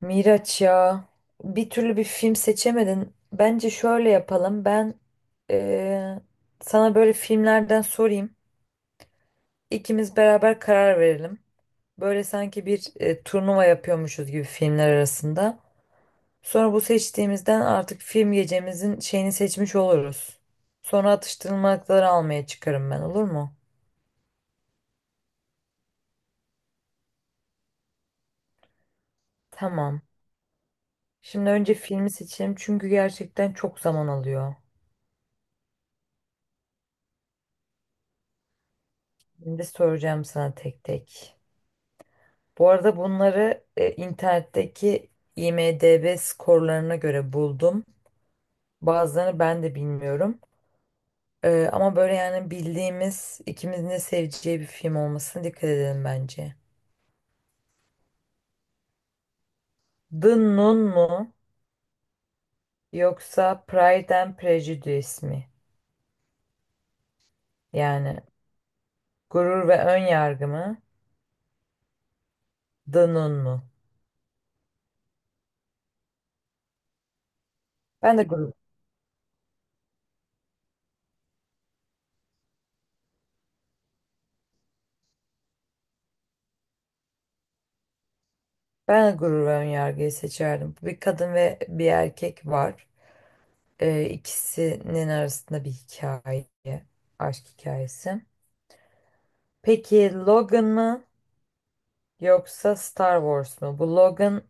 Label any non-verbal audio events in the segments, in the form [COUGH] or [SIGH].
Miraç ya, bir türlü bir film seçemedin. Bence şöyle yapalım. Ben eee, sana böyle filmlerden sorayım. İkimiz beraber karar verelim. Böyle sanki bir turnuva yapıyormuşuz gibi filmler arasında. Sonra bu seçtiğimizden artık film gecemizin şeyini seçmiş oluruz. Sonra atıştırmalıkları almaya çıkarım ben, olur mu? Tamam. Şimdi önce filmi seçelim çünkü gerçekten çok zaman alıyor. Şimdi soracağım sana tek tek. Bu arada bunları internetteki IMDb skorlarına göre buldum. Bazılarını ben de bilmiyorum. Ama böyle yani bildiğimiz ikimizin de seveceği bir film olmasına dikkat edelim bence. The Nun mu yoksa Pride and Prejudice mi? Yani Gurur ve Ön Yargı mı? The Nun mu? Ben de gurur, ben de gurur ve ön yargıyı seçerdim. Bir kadın ve bir erkek var. İkisinin arasında bir hikaye, aşk hikayesi. Peki Logan mı yoksa Star Wars mu? Bu Logan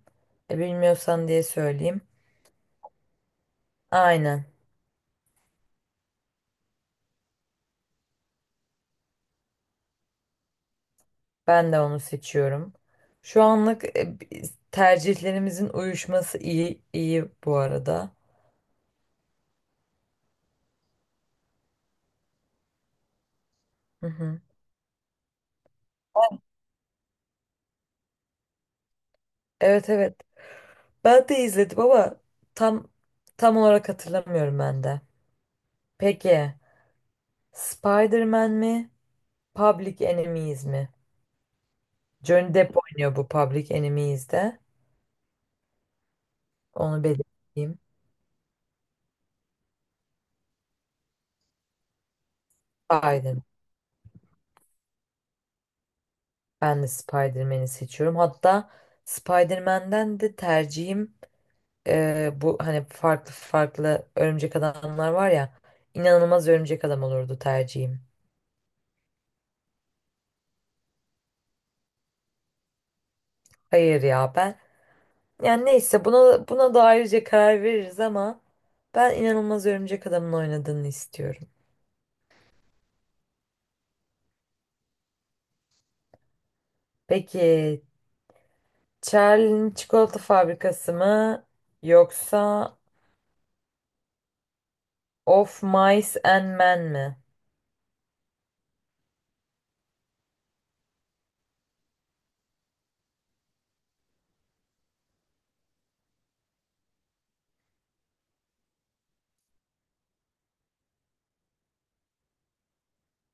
bilmiyorsan diye söyleyeyim. Aynen. Ben de onu seçiyorum. Şu anlık tercihlerimizin uyuşması iyi iyi bu arada. Hı hı. Evet evet. Ben de izledim ama tam tam olarak hatırlamıyorum ben de. Peki Spider-Man mi? Public Enemies mi? Johnny Depp oynuyor bu Public Enemies'de. Onu belirteyim. Spider. Ben de Spider-Man'i seçiyorum. Hatta Spider-Man'den de tercihim, bu hani farklı farklı örümcek adamlar var ya, inanılmaz örümcek adam olurdu tercihim. Hayır ya, ben yani neyse, buna da ayrıca karar veririz ama ben inanılmaz örümcek adamın oynadığını istiyorum. Peki Charlie'nin çikolata fabrikası mı yoksa Of Mice and Men mi?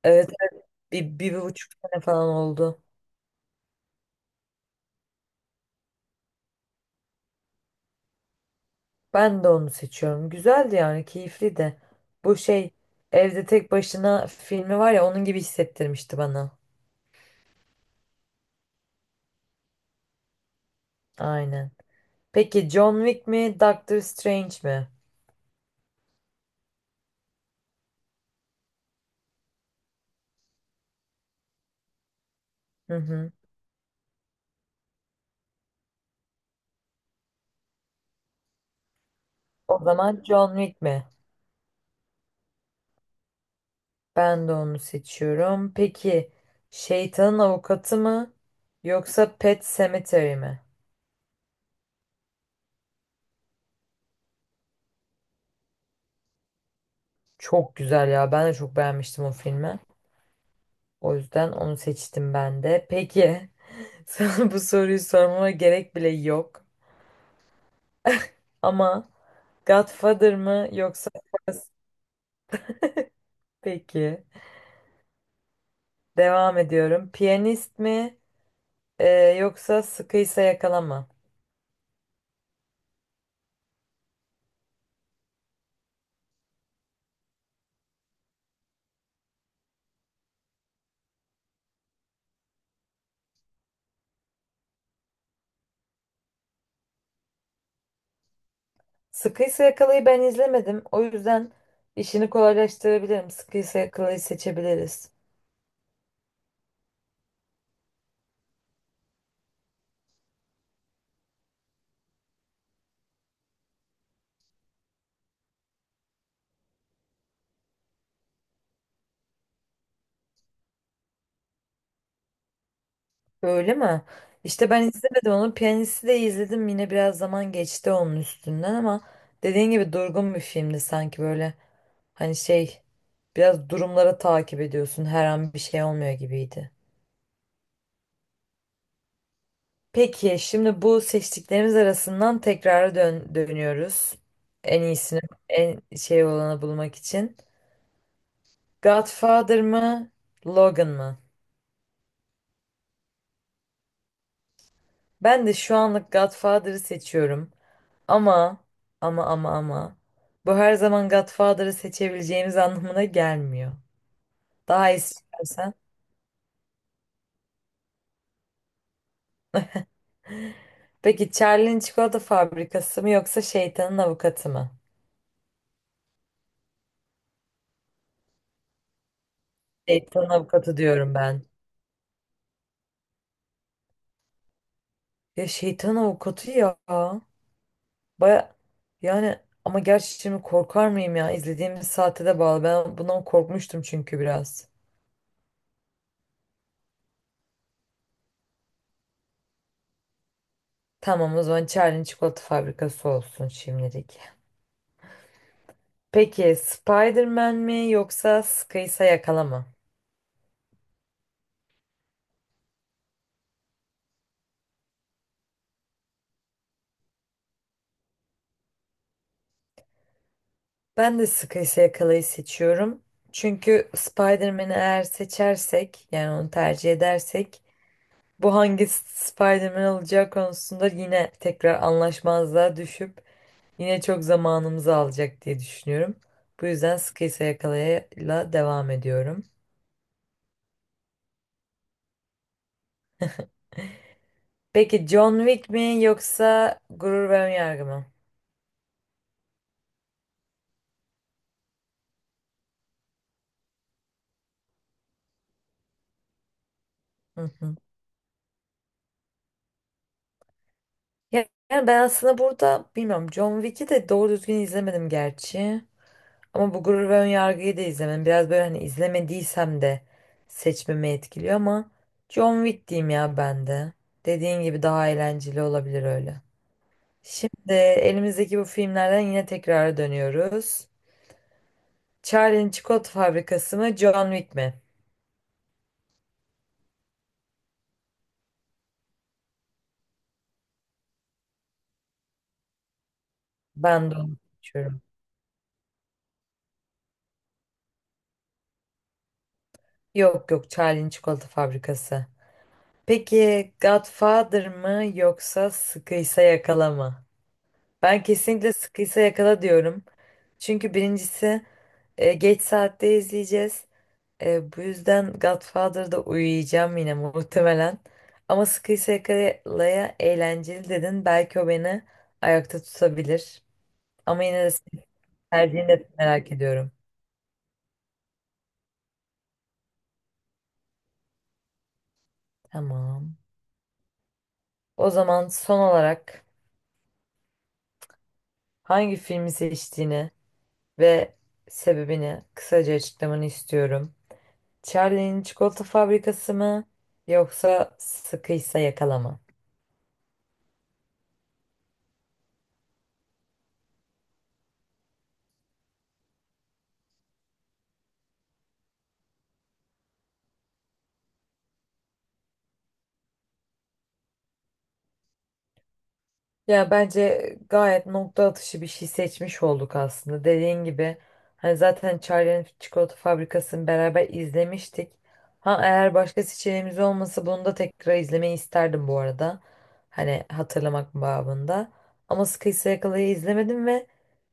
Evet, evet. Bir, bir, bir buçuk sene falan oldu. Ben de onu seçiyorum. Güzeldi yani, keyifli de. Bu şey, evde tek başına filmi var ya, onun gibi hissettirmişti bana. Aynen. Peki John Wick mi Doctor Strange mi? Hı hı. O zaman John Wick mi? Ben de onu seçiyorum. Peki Şeytanın Avukatı mı yoksa Pet Sematary mi? Çok güzel ya. Ben de çok beğenmiştim o filmi. O yüzden onu seçtim ben de. Peki, [LAUGHS] sana bu soruyu sormama gerek bile yok. Ama Godfather mı yoksa Fast? Peki. Devam ediyorum. Piyanist mi e, yoksa Sıkıysa Yakala mı? Sıkıysa Yakala'yı ben izlemedim. O yüzden işini kolaylaştırabilirim. Sıkıysa Yakala'yı seçebiliriz. Öyle mi? İşte ben izlemedim onu. Piyanisti de izledim. Yine biraz zaman geçti onun üstünden ama dediğin gibi durgun bir filmdi sanki böyle. Hani şey, biraz durumları takip ediyorsun, her an bir şey olmuyor gibiydi. Peki şimdi bu seçtiklerimiz arasından tekrar dönüyoruz. En iyisini, en şey olanı bulmak için. Godfather mı, Logan mı? Ben de şu anlık Godfather'ı seçiyorum. Ama ama bu her zaman Godfather'ı seçebileceğimiz anlamına gelmiyor. Daha istersen. Peki Charlie'nin çikolata fabrikası mı yoksa şeytanın avukatı mı? Şeytan avukatı diyorum ben. Ya şeytan avukatı ya. Baya, yani, ama gerçi şimdi korkar mıyım ya? İzlediğimiz saate de bağlı. Ben bundan korkmuştum çünkü biraz. Tamam, o zaman Charlie'nin çikolata fabrikası olsun şimdilik. Peki Spider-Man mi yoksa Sıkıysa Yakala mı? Ben de Sıkıysa Yakala'yı seçiyorum. Çünkü Spider-Man'i eğer seçersek, yani onu tercih edersek, bu hangi Spider-Man olacağı konusunda yine tekrar anlaşmazlığa düşüp yine çok zamanımızı alacak diye düşünüyorum. Bu yüzden Sıkıysa Yakala'yla devam ediyorum. Peki John Wick mi yoksa Gurur ve Önyargı mı? Hı hı. Yani ben aslında burada bilmiyorum, John Wick'i de doğru düzgün izlemedim gerçi. Ama bu Gurur ve Önyargı'yı da izlemedim. Biraz böyle hani izlemediysem de seçmemi etkiliyor ama John Wick diyeyim ya ben de. Dediğin gibi daha eğlenceli olabilir öyle. Şimdi elimizdeki bu filmlerden yine tekrara dönüyoruz. Charlie'nin çikolata fabrikası mı, John Wick mi? Ben de onu seçiyorum. Yok yok, Charlie'nin çikolata fabrikası. Peki Godfather mı yoksa Sıkıysa Yakala mı? Ben kesinlikle Sıkıysa Yakala diyorum. Çünkü birincisi, geç saatte izleyeceğiz. Bu yüzden Godfather'da uyuyacağım yine muhtemelen. Ama Sıkıysa Yakala'ya eğlenceli dedin. Belki o beni ayakta tutabilir. Ama yine de senin tercihini de merak ediyorum. Tamam. O zaman son olarak hangi filmi seçtiğini ve sebebini kısaca açıklamanı istiyorum. Charlie'nin Çikolata Fabrikası mı yoksa Sıkıysa Yakala mı? Ya bence gayet nokta atışı bir şey seçmiş olduk aslında. Dediğin gibi hani zaten Charlie'nin çikolata fabrikasını beraber izlemiştik. Ha, eğer başka seçeneğimiz olmasa bunu da tekrar izlemeyi isterdim bu arada. Hani hatırlamak babında. Ama Sıkıysa Yakala'yı izlemedim ve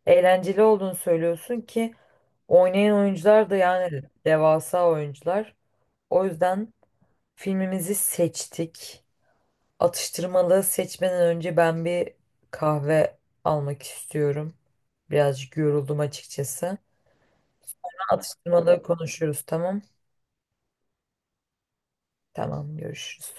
eğlenceli olduğunu söylüyorsun ki oynayan oyuncular da yani devasa oyuncular. O yüzden filmimizi seçtik. Atıştırmalığı seçmeden önce ben bir kahve almak istiyorum. Birazcık yoruldum açıkçası. Atıştırmalığı konuşuruz, tamam. Tamam, görüşürüz.